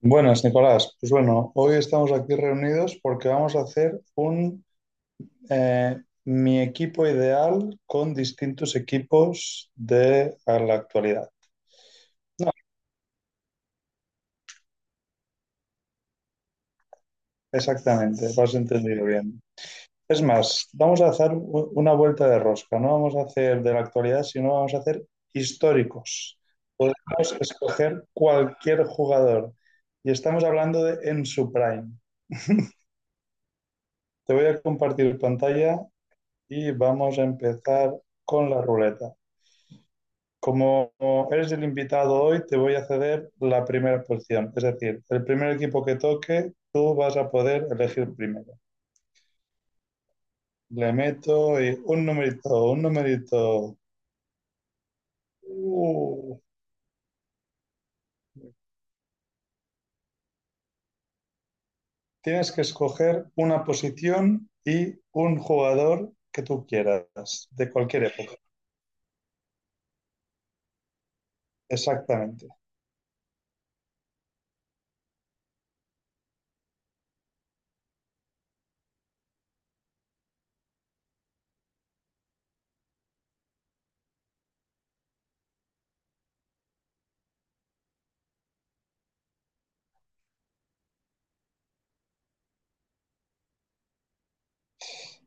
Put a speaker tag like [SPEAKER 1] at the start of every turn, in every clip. [SPEAKER 1] Buenas, Nicolás. Pues bueno, hoy estamos aquí reunidos porque vamos a hacer un eh, mi equipo ideal con distintos equipos de a la actualidad. No, exactamente, lo has entendido bien. Es más, vamos a hacer una vuelta de rosca. No vamos a hacer de la actualidad, sino vamos a hacer históricos. Podemos escoger cualquier jugador y estamos hablando de en su prime. Te voy a compartir pantalla y vamos a empezar con la ruleta. Como eres el invitado hoy, te voy a ceder la primera posición. Es decir, el primer equipo que toque, tú vas a poder elegir primero. Le meto y un numerito, un numerito. Uh, tienes que escoger una posición y un jugador que tú quieras, de cualquier época. Exactamente.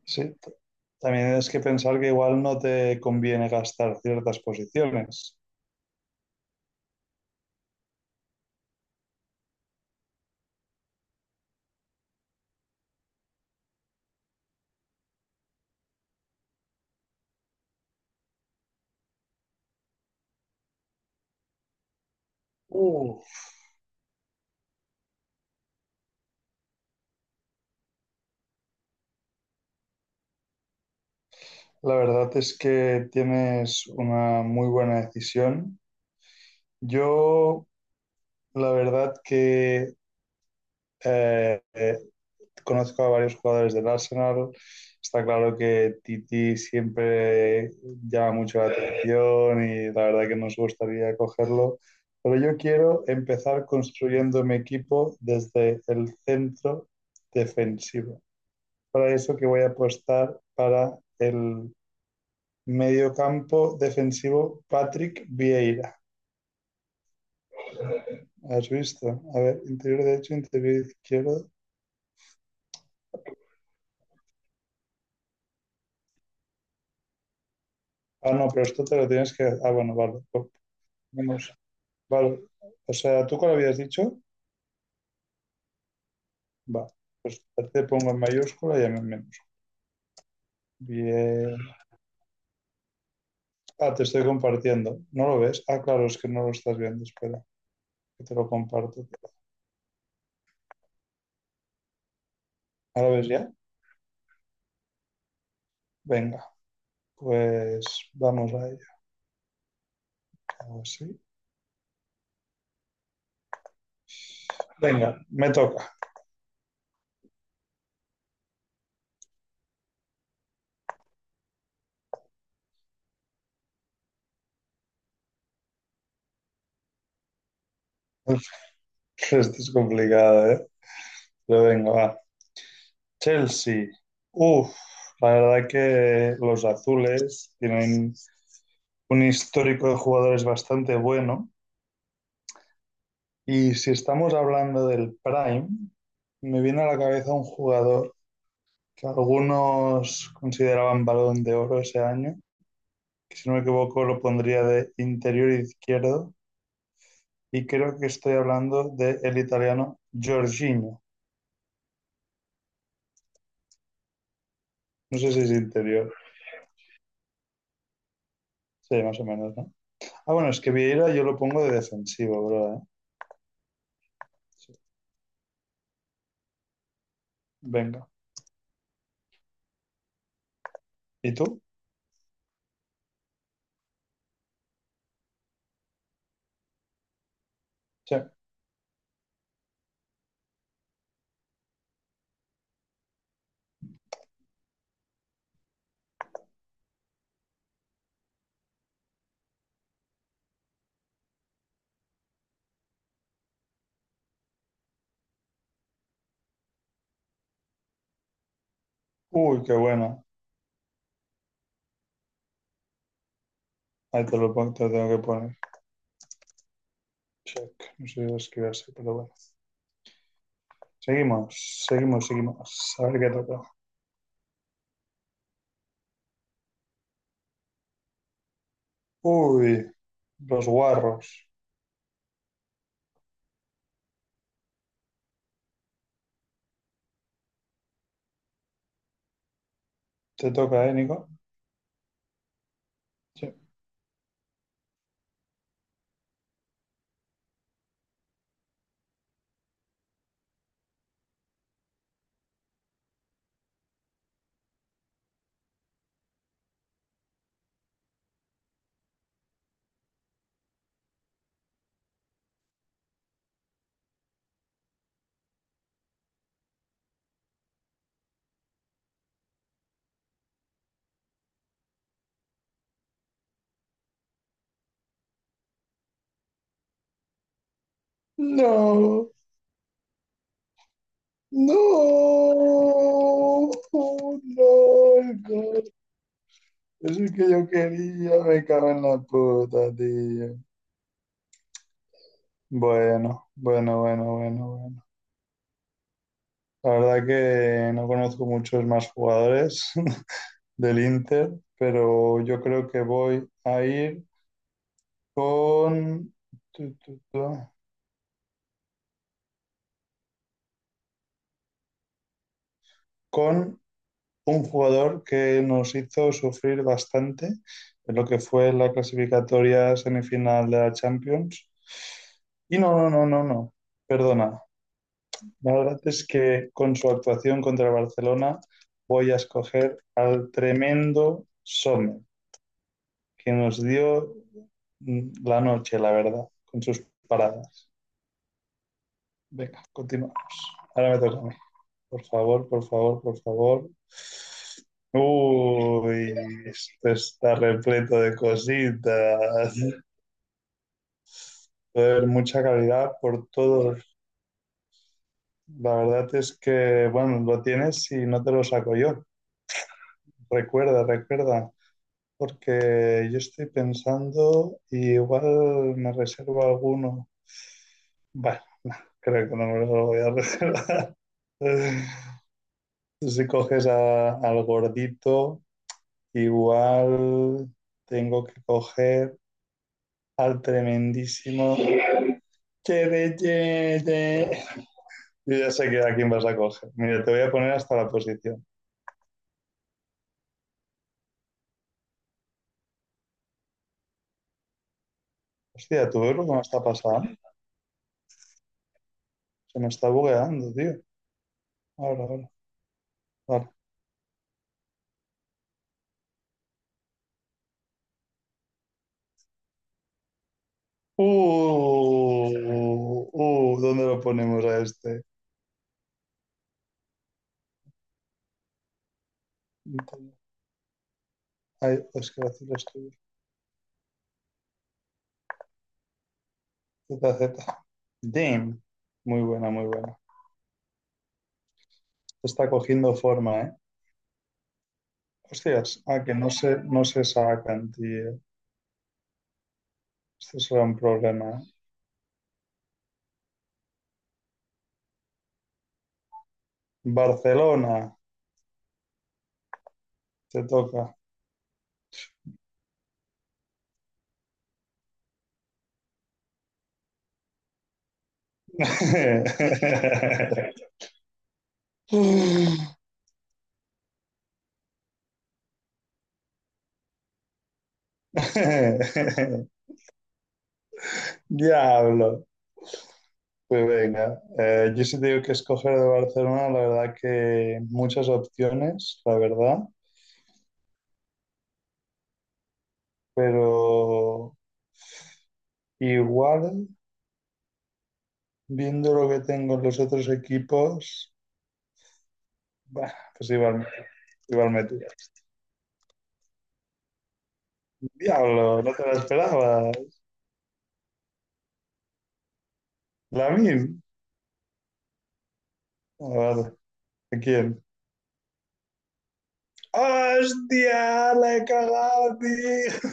[SPEAKER 1] Sí. También tienes que pensar que igual no te conviene gastar ciertas posiciones. Uh, La verdad es que tienes una muy buena decisión. Yo, la verdad que eh, eh, conozco a varios jugadores del Arsenal. Está claro que Titi siempre llama mucho la atención y la verdad que nos gustaría cogerlo. Pero yo quiero empezar construyendo mi equipo desde el centro defensivo. Para eso que voy a apostar para el mediocampo defensivo, Patrick Vieira. ¿Has visto? A ver, interior derecho, interior izquierdo. Ah, no, pero esto te lo tienes que. Ah, bueno, vale. Lo ponemos. Vale. O sea, ¿tú cuál habías dicho? Va. Pues te pongo en mayúscula y en menos. Bien. Ah, te estoy compartiendo. ¿No lo ves? Ah, claro, es que no lo estás viendo. Espera, que te lo comparto. ¿Ahora ves ya? Venga, pues vamos a ello. Así. Venga, me toca. Esto es complicado, ¿eh? Pero venga, va. Chelsea. Uf, la verdad que los azules tienen un histórico de jugadores bastante bueno. Y si estamos hablando del prime, me viene a la cabeza un jugador que algunos consideraban balón de oro ese año, que si no me equivoco lo pondría de interior izquierdo. Y creo que estoy hablando del italiano Jorginho. No sé si es interior. Sí, más o menos, ¿no? Ah, bueno, es que Vieira yo lo pongo de defensivo, ¿verdad? Sí. Venga. ¿Y tú? Check. Uy, qué buena. Ahí te lo te lo tengo que poner. Check. No sé si lo así, pero bueno. Seguimos, seguimos, seguimos. A ver qué toca. Uy, los guarros. Te toca, ¿eh, Nico? Sí. No, no, no, no. Es el que yo quería, me cago en la puta, tío. Bueno, bueno, bueno, bueno, bueno. La verdad que no conozco muchos más jugadores. Del Inter, pero yo creo que voy a ir con, tu, tu, tu, con un jugador que nos hizo sufrir bastante en lo que fue la clasificatoria semifinal de la Champions. Y no, no, no, no, no, perdona. La verdad es que con su actuación contra el Barcelona voy a escoger al tremendo Sommer, que nos dio la noche, la verdad, con sus paradas. Venga, continuamos. Ahora me toca a mí. Por favor, por favor, por favor. Uy, esto está repleto de cositas. Joder, mucha calidad por todos. La verdad es que, bueno, lo tienes y no te lo saco yo. Recuerda, recuerda, porque yo estoy pensando y igual me reservo alguno. Bueno, creo que no me lo voy a reservar. Si coges al gordito, igual tengo que coger al tremendísimo. Chede, chede. Yo ya sé que a quién vas a coger. Mira, te voy a poner hasta la posición. Hostia, ¿tú ves lo que me está pasando? Se me está bugueando, tío. Ahora, ahora, ahora. ¿Dónde lo ponemos a este? Ay, es que vacilo estoy Z, Z. Damn. Muy buena, muy buena. Está cogiendo forma, ¿eh? Hostias, ah, que no se, no se sacan, tío. Esto será un problema. Barcelona, te toca. Diablo. Pues venga, yo sí te digo que escoger de Barcelona, la verdad que muchas opciones, la verdad, pero igual, viendo lo que tengo en los otros equipos, bah, igual me tiro. Diablo, no te la esperaba. Lamin. Ah, vale. ¿A quién? ¡Hostia! ¡La he cagado, tío!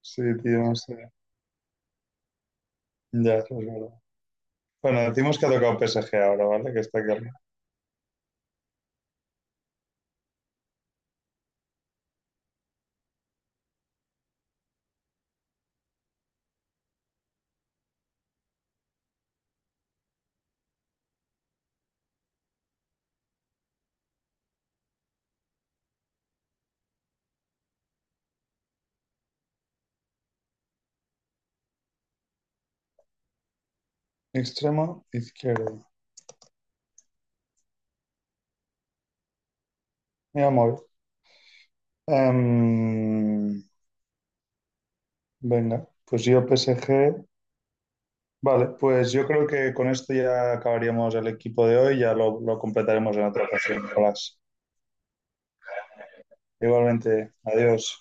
[SPEAKER 1] Sí, tío, no sé. Ya, eso es verdad. Bueno, decimos que ha tocado PSG ahora, ¿vale? Que está aquí arriba. Extremo izquierdo. Mira, móvil. Em, venga, pues yo PSG. Vale, pues yo creo que con esto ya acabaríamos el equipo de hoy. Ya lo completaremos en otra ocasión, Nicolás. Igualmente, adiós.